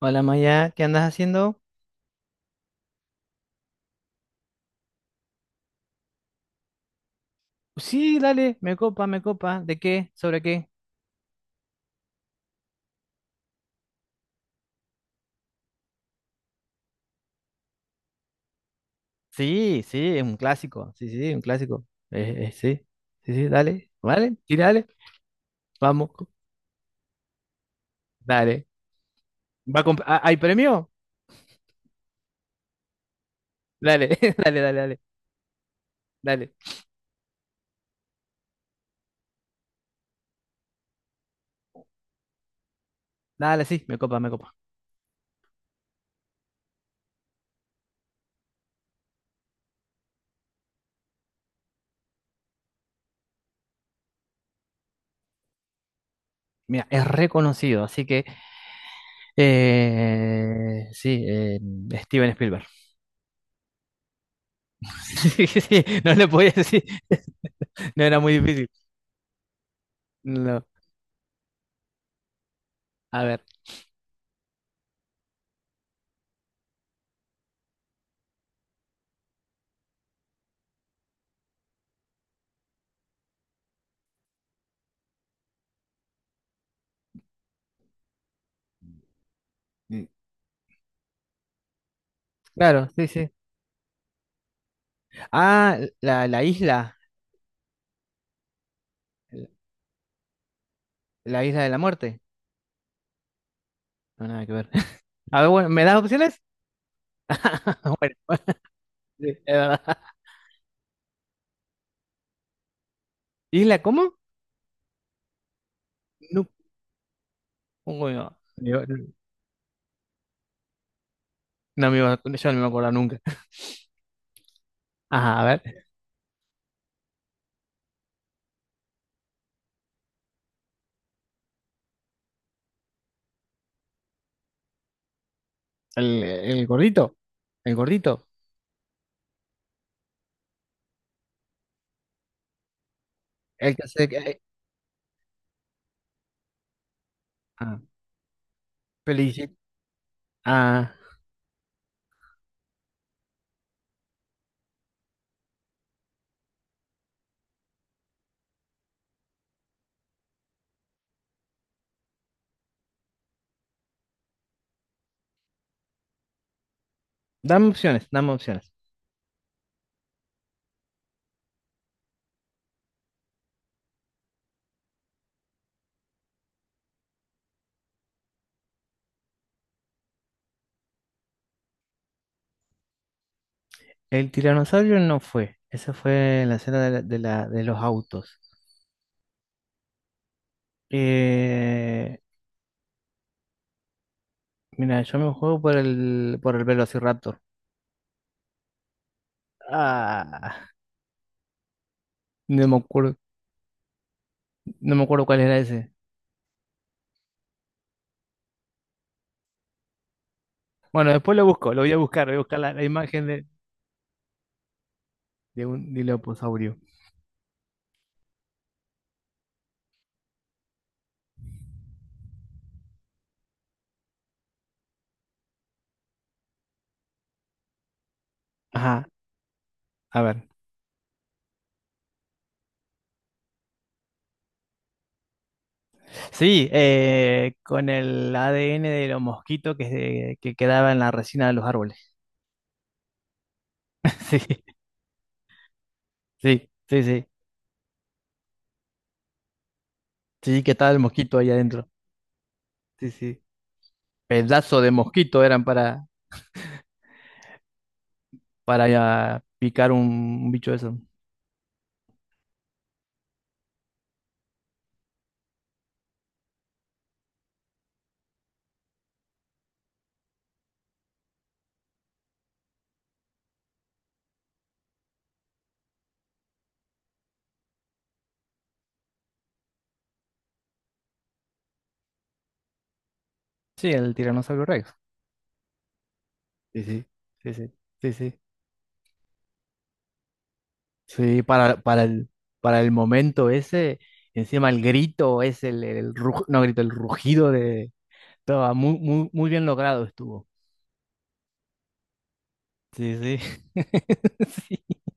Hola Maya, ¿qué andas haciendo? Sí, dale, me copa, me copa. ¿De qué? ¿Sobre qué? Sí, sí, es un clásico. Sí, sí, un clásico. Sí, sí, sí, dale, vale, sí, dale, vamos, dale. ¿Va a comp- ah, ¿Hay premio? Dale, dale, dale, dale, dale. Dale, sí, me copa, me copa. Mira, es reconocido, así que sí, Steven Spielberg. Sí, sí, no le podía decir, no era muy difícil. No, a ver, claro, sí, sí. Ah, la isla. La isla de la muerte. No, nada que ver. A ver, bueno, ¿me das opciones? Bueno, sí, es verdad. ¿Isla cómo? No, bueno, yo no me acuerdo nunca. Ajá, a ver. El gordito. El gordito. El que se... eh, Ah, Felicit- ah, dame opciones, dame opciones. El tiranosaurio no fue. Esa fue la escena de, de, de los autos. Eh, mira, yo me juego por el Velociraptor. Ah, no me acuerdo, no me acuerdo cuál era ese. Bueno, después lo busco, lo voy a buscar la, la imagen de un diloposaurio. Ajá, a ver. Sí, con el ADN de los mosquitos que quedaba en la resina de los árboles. Sí, sí, sí, sí. Sí, que estaba el mosquito ahí adentro. Sí, sí. Pedazo de mosquito eran para ah, picar un bicho de eso. Sí, el tiranosaurio Rex. Sí, sí, sí, sí, sí, sí. Sí, para el momento ese, encima el grito, es el, no grito, el rugido de... Estaba muy, muy, muy bien logrado estuvo. Sí, sí.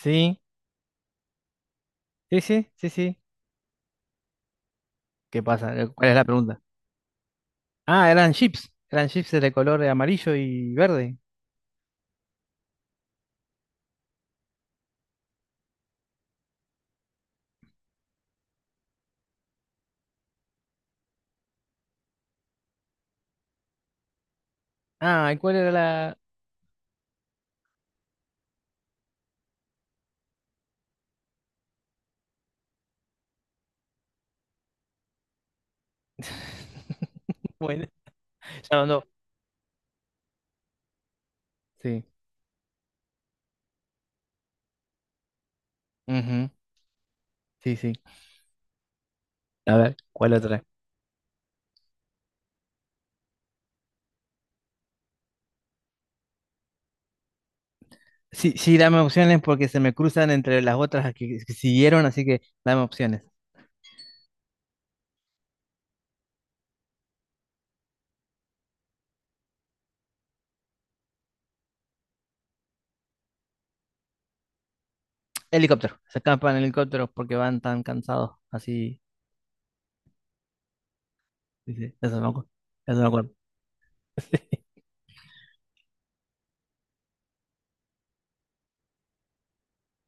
Sí, sí, sí, sí, sí, sí. ¿Qué pasa? ¿Cuál es la pregunta? Ah, eran chips. Eran chips de color amarillo y verde. Ah, ¿y cuál era la...? Bueno, ya no. Sí. Ujú, sí, sí. A ver, ¿cuál otra? Sí, sí, dame opciones porque se me cruzan entre las otras que siguieron, así que dame opciones. Helicóptero, se escapan en helicóptero porque van tan cansados, así, dice, eso no me acuerdo, eso no me acuerdo.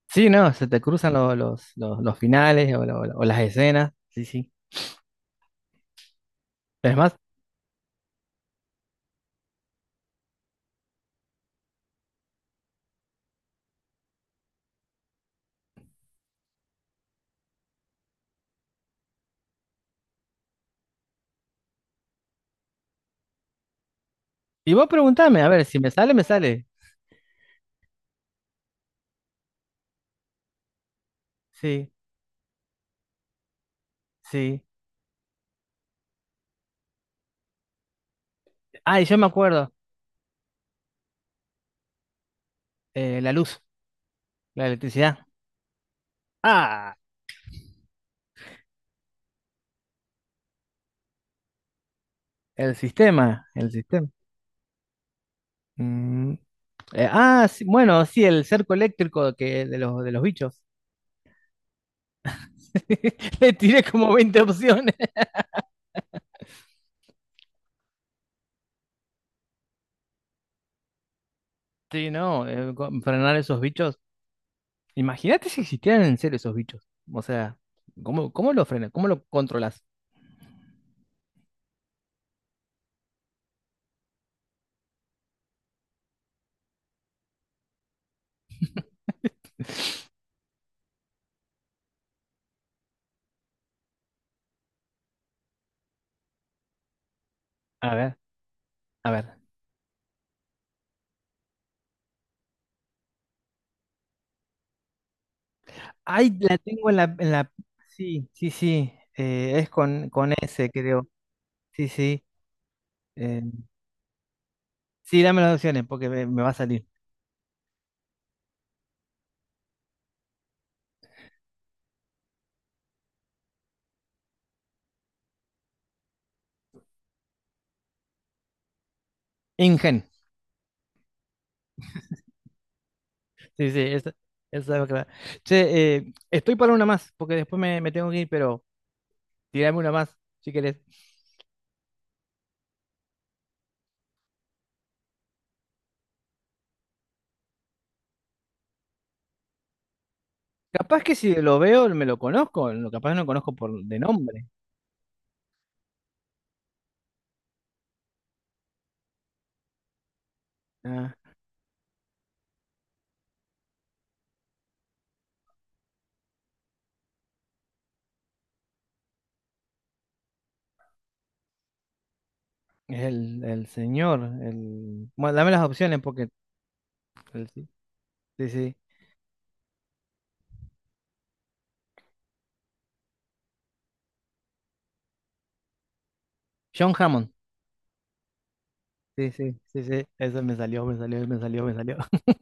Sí, no, se te cruzan los finales o, o las escenas, sí, sí. Es más, y vos preguntame, a ver, si me sale, me sale. Sí, sí. Ah, y yo me acuerdo, la luz, la electricidad. Ah, el sistema, el sistema. Mm, eh, ah, sí, bueno, sí, el cerco eléctrico que, de los bichos. Le tiré como 20 opciones. Sí, no, frenar esos bichos. Imagínate si existieran en serio esos bichos. O sea, ¿cómo, cómo lo frenas? ¿Cómo lo controlas? A ver, a ver. Ay, la tengo en la... Sí, sí, sí. Eh, es con S, creo. Sí, sí. Eh, sí, dame las opciones porque me va a salir. Ingen. Sí, sí, esa, clave. Che, estoy para una más porque después me, me tengo que ir, pero... Tirame una más, si querés. Capaz que si lo veo me lo conozco, lo capaz no lo conozco por de nombre. Ah, el señor, el... Bueno, dame las opciones porque... sí, sí, sí. John Hammond. Sí, sí, sí, sí. Eso me salió, me salió, me salió, me salió.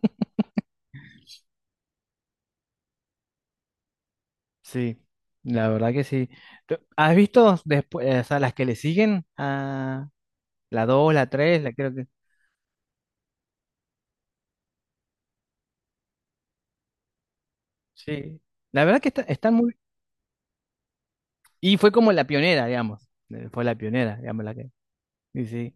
Sí, la verdad que sí. ¿Has visto después, o sea, las que le siguen a la 2 la tres la creo que... Sí, la verdad que están muy... Y fue como la pionera, digamos. Fue la pionera, digamos, la que... Sí, sí.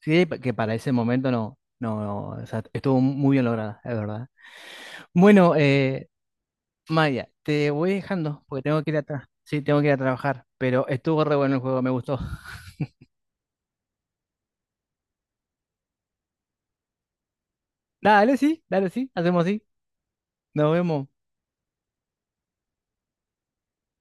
Sí, que para ese momento no, no, no, o sea, estuvo muy bien lograda, es verdad. Bueno, Maya, te voy dejando porque tengo que ir a sí, tengo que ir a trabajar, pero estuvo re bueno el juego, me gustó. Dale, sí, hacemos así. Nos vemos.